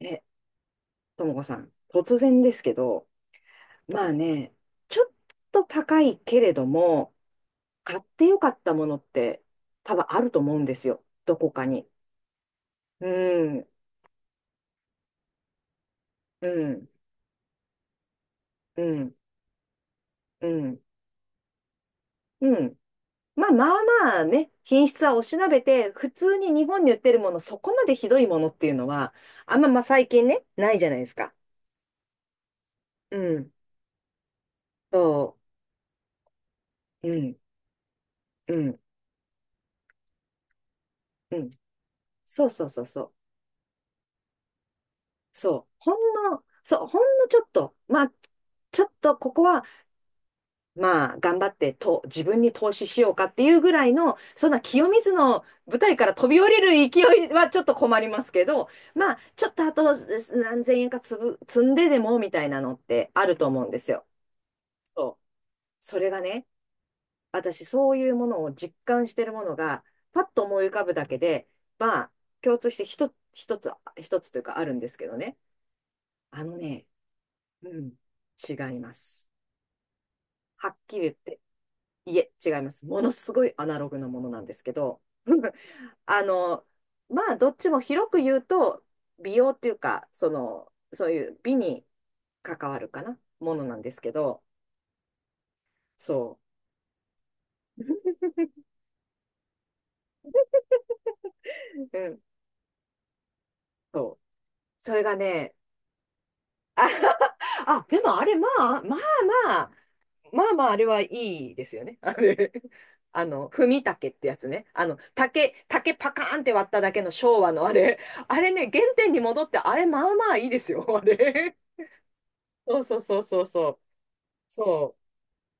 え、ともこさん、突然ですけど、まあね、ちょっと高いけれども、買ってよかったものって多分あると思うんですよ。どこかに。うん、うん、うん、うん、うん。まあまあまあね、品質はおしなべて、普通に日本に売ってるもの、そこまでひどいものっていうのは、まあ最近ね、ないじゃないですか。うん、そう、うん、うん、うん。そうそうそうそう。そう、ほんのちょっと、まあ、ちょっとここは、まあ、頑張ってと、自分に投資しようかっていうぐらいの、そんな清水の舞台から飛び降りる勢いはちょっと困りますけど、まあ、ちょっとあと何千円か積んででもみたいなのってあると思うんですよ。そう。それがね、私、そういうものを実感してるものが、パッと思い浮かぶだけで、まあ、共通して一つというかあるんですけどね。あのね、うん、違います。はっきり言って、いえ、違います。ものすごいアナログなものなんですけど、あの、まあ、どっちも広く言うと、美容っていうか、その、そういう美に関わるかな、ものなんですけど、そう。うん、そう。それがね、あ、あでもあれ、まあ、まあまあ、あれはいいですよね。あれ、あの、踏み竹ってやつね。あの、竹パカーンって割っただけの昭和のあれ。あれね、原点に戻って、あれ、まあまあいいですよ、あれ。そうそうそうそうそう。そう。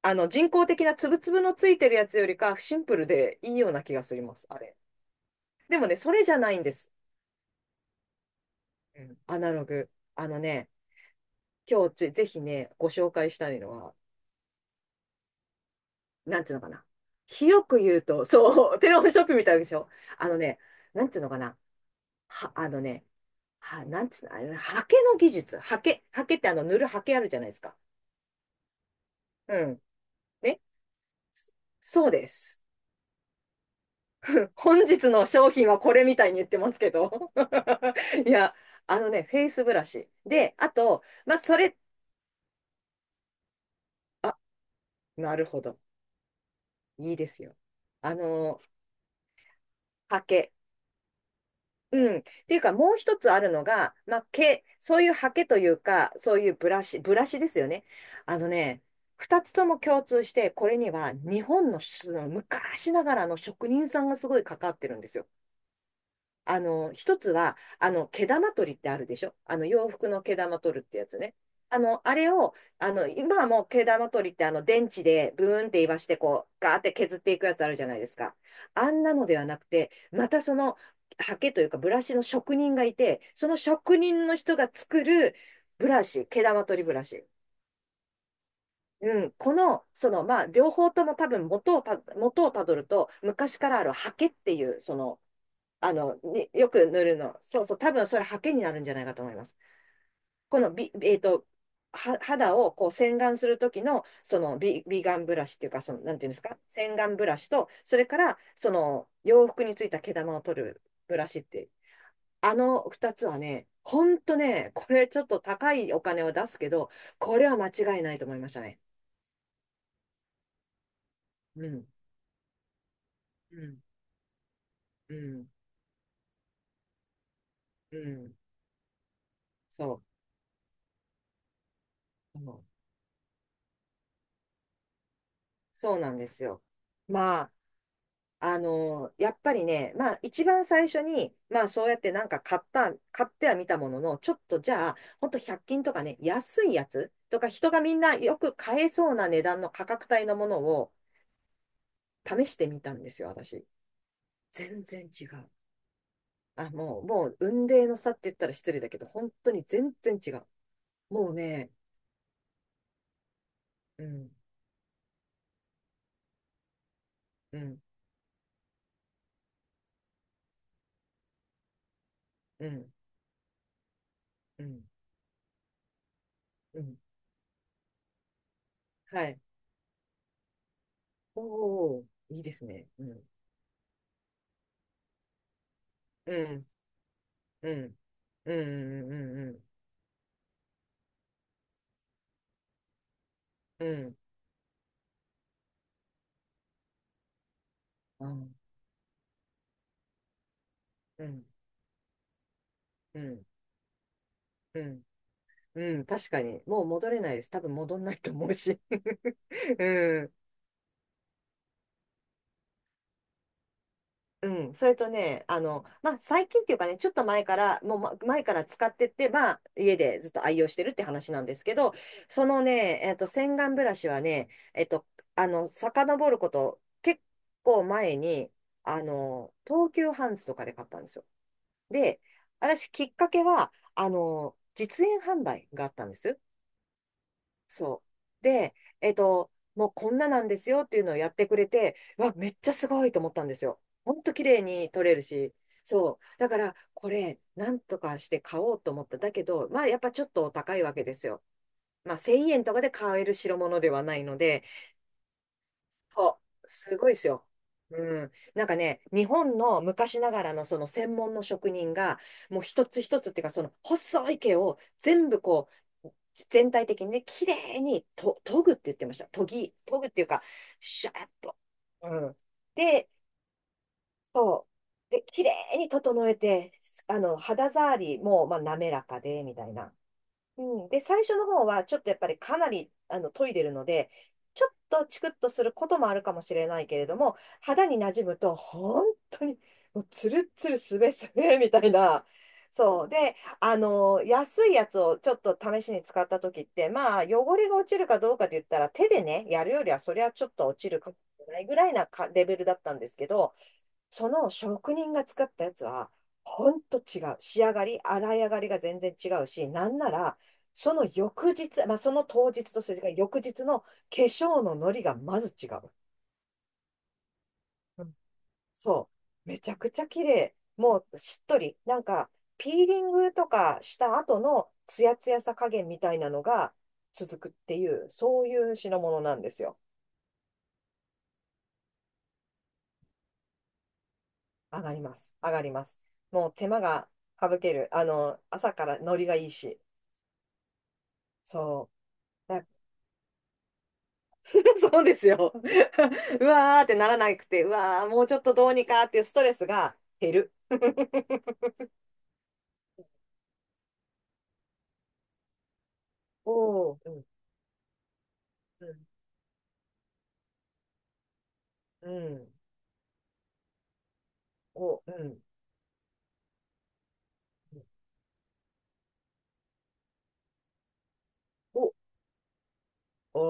あの、人工的なつぶつぶのついてるやつよりか、シンプルでいいような気がします、あれ。でもね、それじゃないんです。うん、アナログ。あのね、今日ぜひね、ご紹介したいのは、なんていうのかな。広く言うと、そう、テレホンショップみたいでしょ。あのね、なんていうのかな。は、あのね、は、なんつうの、あれね、刷毛の技術。刷毛ってあの、塗る刷毛あるじゃないですか。うん。ね。そうです。本日の商品はこれみたいに言ってますけど。いや、あのね、フェイスブラシ。で、あと、まあ、それ、あ、なるほど。いいですよ。あの、刷毛。うん。っていうか、もう一つあるのが、まあ、毛、そういうハケというか、そういうブラシですよね。あのね、二つとも共通して、これには日本の、その昔ながらの職人さんがすごいかかってるんですよ。あの、一つは、あの、毛玉取りってあるでしょ、あの、洋服の毛玉取るってやつね。あの、あれを、あの、今はもう毛玉取りってあの、電池でブーンって言わして、こう、ガーって削っていくやつあるじゃないですか。あんなのではなくて、またその、刷毛というかブラシの職人がいて、その職人の人が作るブラシ、毛玉取りブラシ。うん、この、その、まあ、両方とも多分元をたどると、昔からある刷毛っていう、その、あの、によく塗るの。そうそう、多分それハケになるんじゃないかと思います。このビ、えっと、は、肌をこう洗顔する時の、そのビガンブラシっていうか、その、なんていうんですか、洗顔ブラシと、それから、その洋服についた毛玉を取るブラシって、あの2つはね、ほんとね、これちょっと高いお金を出すけど、これは間違いないと思いましたね。うん、うん、うん、うん、そそうそうなんですよ。まあ、あの、やっぱりね、まあ一番最初に、まあそうやってなんか買っては見たものの、ちょっとじゃあ、ほんと100均とかね、安いやつとか人がみんなよく買えそうな値段の価格帯のものを試してみたんですよ、私。全然違う。あ、もう、雲泥の差って言ったら失礼だけど、本当に全然違う。もうね、うん、うん、うん、うん、うん。はい。おお、いいですね。うん、うん、うん、うん、うん、うん、うん。うんうん、うん、うん、うん、確かに。もう戻れないです。多分戻んないと思うし。うん、うん。それとね、あの、まあ、最近っていうかね、ちょっと前から、もう前から使って、まあ、家でずっと愛用してるって話なんですけど、そのね、えっと、洗顔ブラシはね、えっと、あの、遡ること結構前に、あの、東急ハンズとかで買ったんですよ。で、私、きっかけは、あの、実演販売があったんです。そう。で、えっと、もうこんななんですよっていうのをやってくれて、うわ、めっちゃすごいと思ったんですよ。ほんと綺麗に撮れるし。そう。だから、これ、なんとかして買おうと思った。だけど、まあ、やっぱちょっとお高いわけですよ。まあ、1000円とかで買える代物ではないので、そう、すごいですよ。うん。なんかね、日本の昔ながらのその専門の職人が、もう一つ一つっていうか、その細い毛を全部こう、全体的にね、綺麗に研ぐって言ってました。研ぐっていうか、シャーッと。うん。で、そう。で、綺麗に整えて、あの、肌触りも、まあ、滑らかで、みたいな。うん、で、最初の方は、ちょっとやっぱりかなり、あの、研いでるので、ちょっとチクッとすることもあるかもしれないけれども、肌に馴染むと、本当に、もう、ツルッツル、すべすべ、みたいな。そう。で、あの、安いやつをちょっと試しに使った時って、まあ、汚れが落ちるかどうかで言ったら、手でね、やるよりは、そりゃちょっと落ちるかもしれないぐらいなかレベルだったんですけど、その職人が作ったやつは、ほんと違う。仕上がり、洗い上がりが全然違うし、なんなら、その翌日、まあ、その当日とそれから翌日の化粧のノリがまず違う。うんそう。めちゃくちゃ綺麗。もうしっとり。なんか、ピーリングとかした後のツヤツヤさ加減みたいなのが続くっていう、そういう品物なんですよ。上がります。上がります。もう手間が省ける。あの、朝からノリがいいし。そう。だ、 そうですよ。うわーってならなくて、うわー、もうちょっとどうにかっていうストレスが減る。おー、うん、うん、うん、お、うん、お、お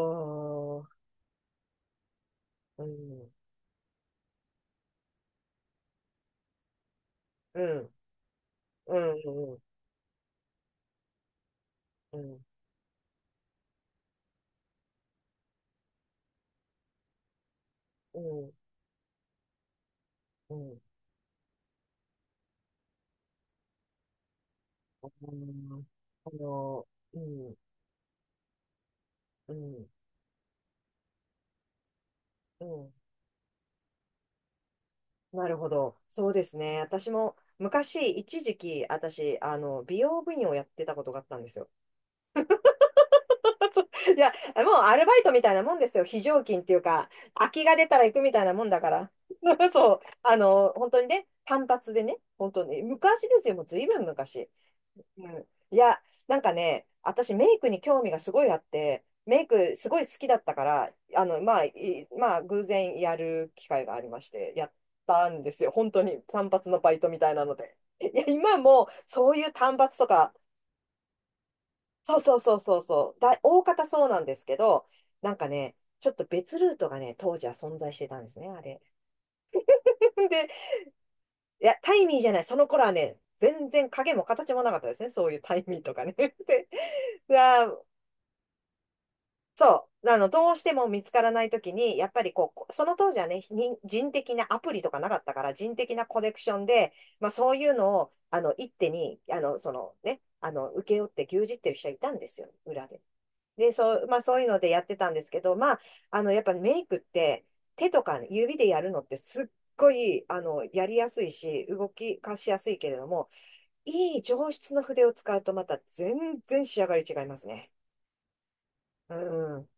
ー、うん、うん、うん、うん、うん、うん、うん、うん、あの、うん、うん、うん。なるほど。そうですね。私も昔、一時期、私、あの、美容部員をやってたことがあったんですよ。そう、いや、もうアルバイトみたいなもんですよ。非常勤っていうか、空きが出たら行くみたいなもんだから。そう。本当にね、単発でね、本当に。昔ですよ。もうずいぶん昔。うん。いや、なんかね、私メイクに興味がすごいあって、メイクすごい好きだったから、まあ、偶然やる機会がありまして、やったんですよ。本当に単発のバイトみたいなので。いや、今もそういう単発とか、大方そうなんですけど、なんかね、ちょっと別ルートがね、当時は存在してたんですね、あれ。で、いや、タイミーじゃない、その頃はね、全然影も形もなかったですね、そういうタイミーとかね。で、いやそう、どうしても見つからないときに、やっぱりこう、こその当時はね、人的なアプリとかなかったから、人的なコネクションで、まあそういうのを、一手に、請け負って牛耳ってる人はいたんですよ、裏で。で、そう、まあそういうのでやってたんですけど、やっぱりメイクって手とか指でやるのってすっごい、やりやすいし、動きかしやすいけれども、いい上質の筆を使うとまた全然仕上がり違いますね。うん、うん、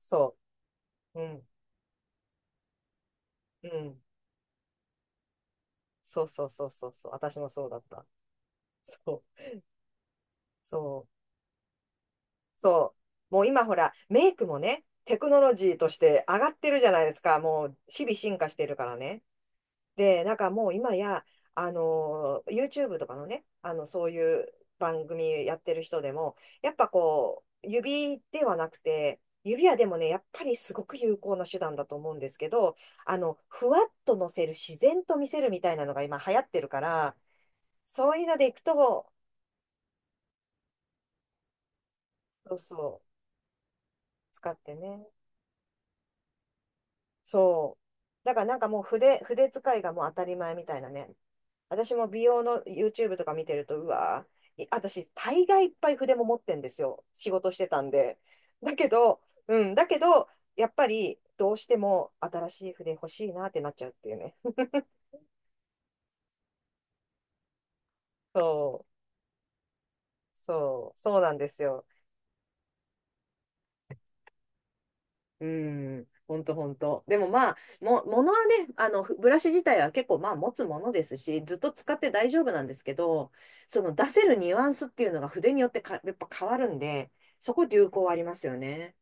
そう、うん、うん、そうそうそうそうそう、私もそうだった。そう、そう、そう。もう今ほら、メイクもね、テクノロジーとして上がってるじゃないですか。もう日々進化してるからね。で、なんかもう今や、YouTube とかのね、そういう番組やってる人でも、やっぱこう、指ではなくて、指はでもね、やっぱりすごく有効な手段だと思うんですけど、ふわっと乗せる、自然と見せるみたいなのが今流行ってるから、そういうのでいくと、そうそう、使ってね。そう。だからなんかもう筆使いがもう当たり前みたいなね。私も美容の YouTube とか見てると、うわー、い私、大概いっぱい筆も持ってんですよ。仕事してたんで。だけど、うん、だけど、やっぱり、どうしても新しい筆欲しいなってなっちゃうっていうね。そう、そうなんですよ。うん、ほんとほんと。でもまあ、ものはね、ブラシ自体は結構まあ持つものですし、ずっと使って大丈夫なんですけど、その出せるニュアンスっていうのが筆によってか、やっぱ変わるんで、そこ流行ありますよね。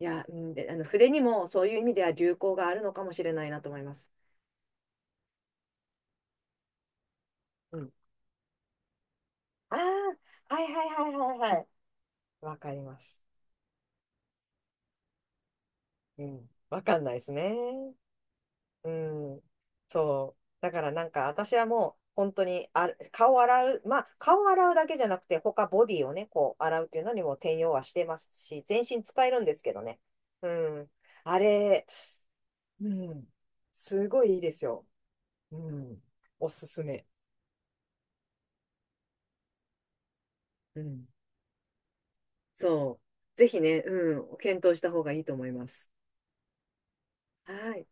いや、うん、で、あの筆にもそういう意味では流行があるのかもしれないなと思います。うん。ああ、はいはいはいはいはい。わかります。うん。わかんないですね。うん。そう。だから私はもう本当に顔洗うだけじゃなくて他ボディをね、こう洗うっていうのにも転用はしてますし、全身使えるんですけどね。うん。あれ、うん。すごいいいですよ。うん。おすすめ。うん。そう。ぜひね、うん、検討した方がいいと思います。はい。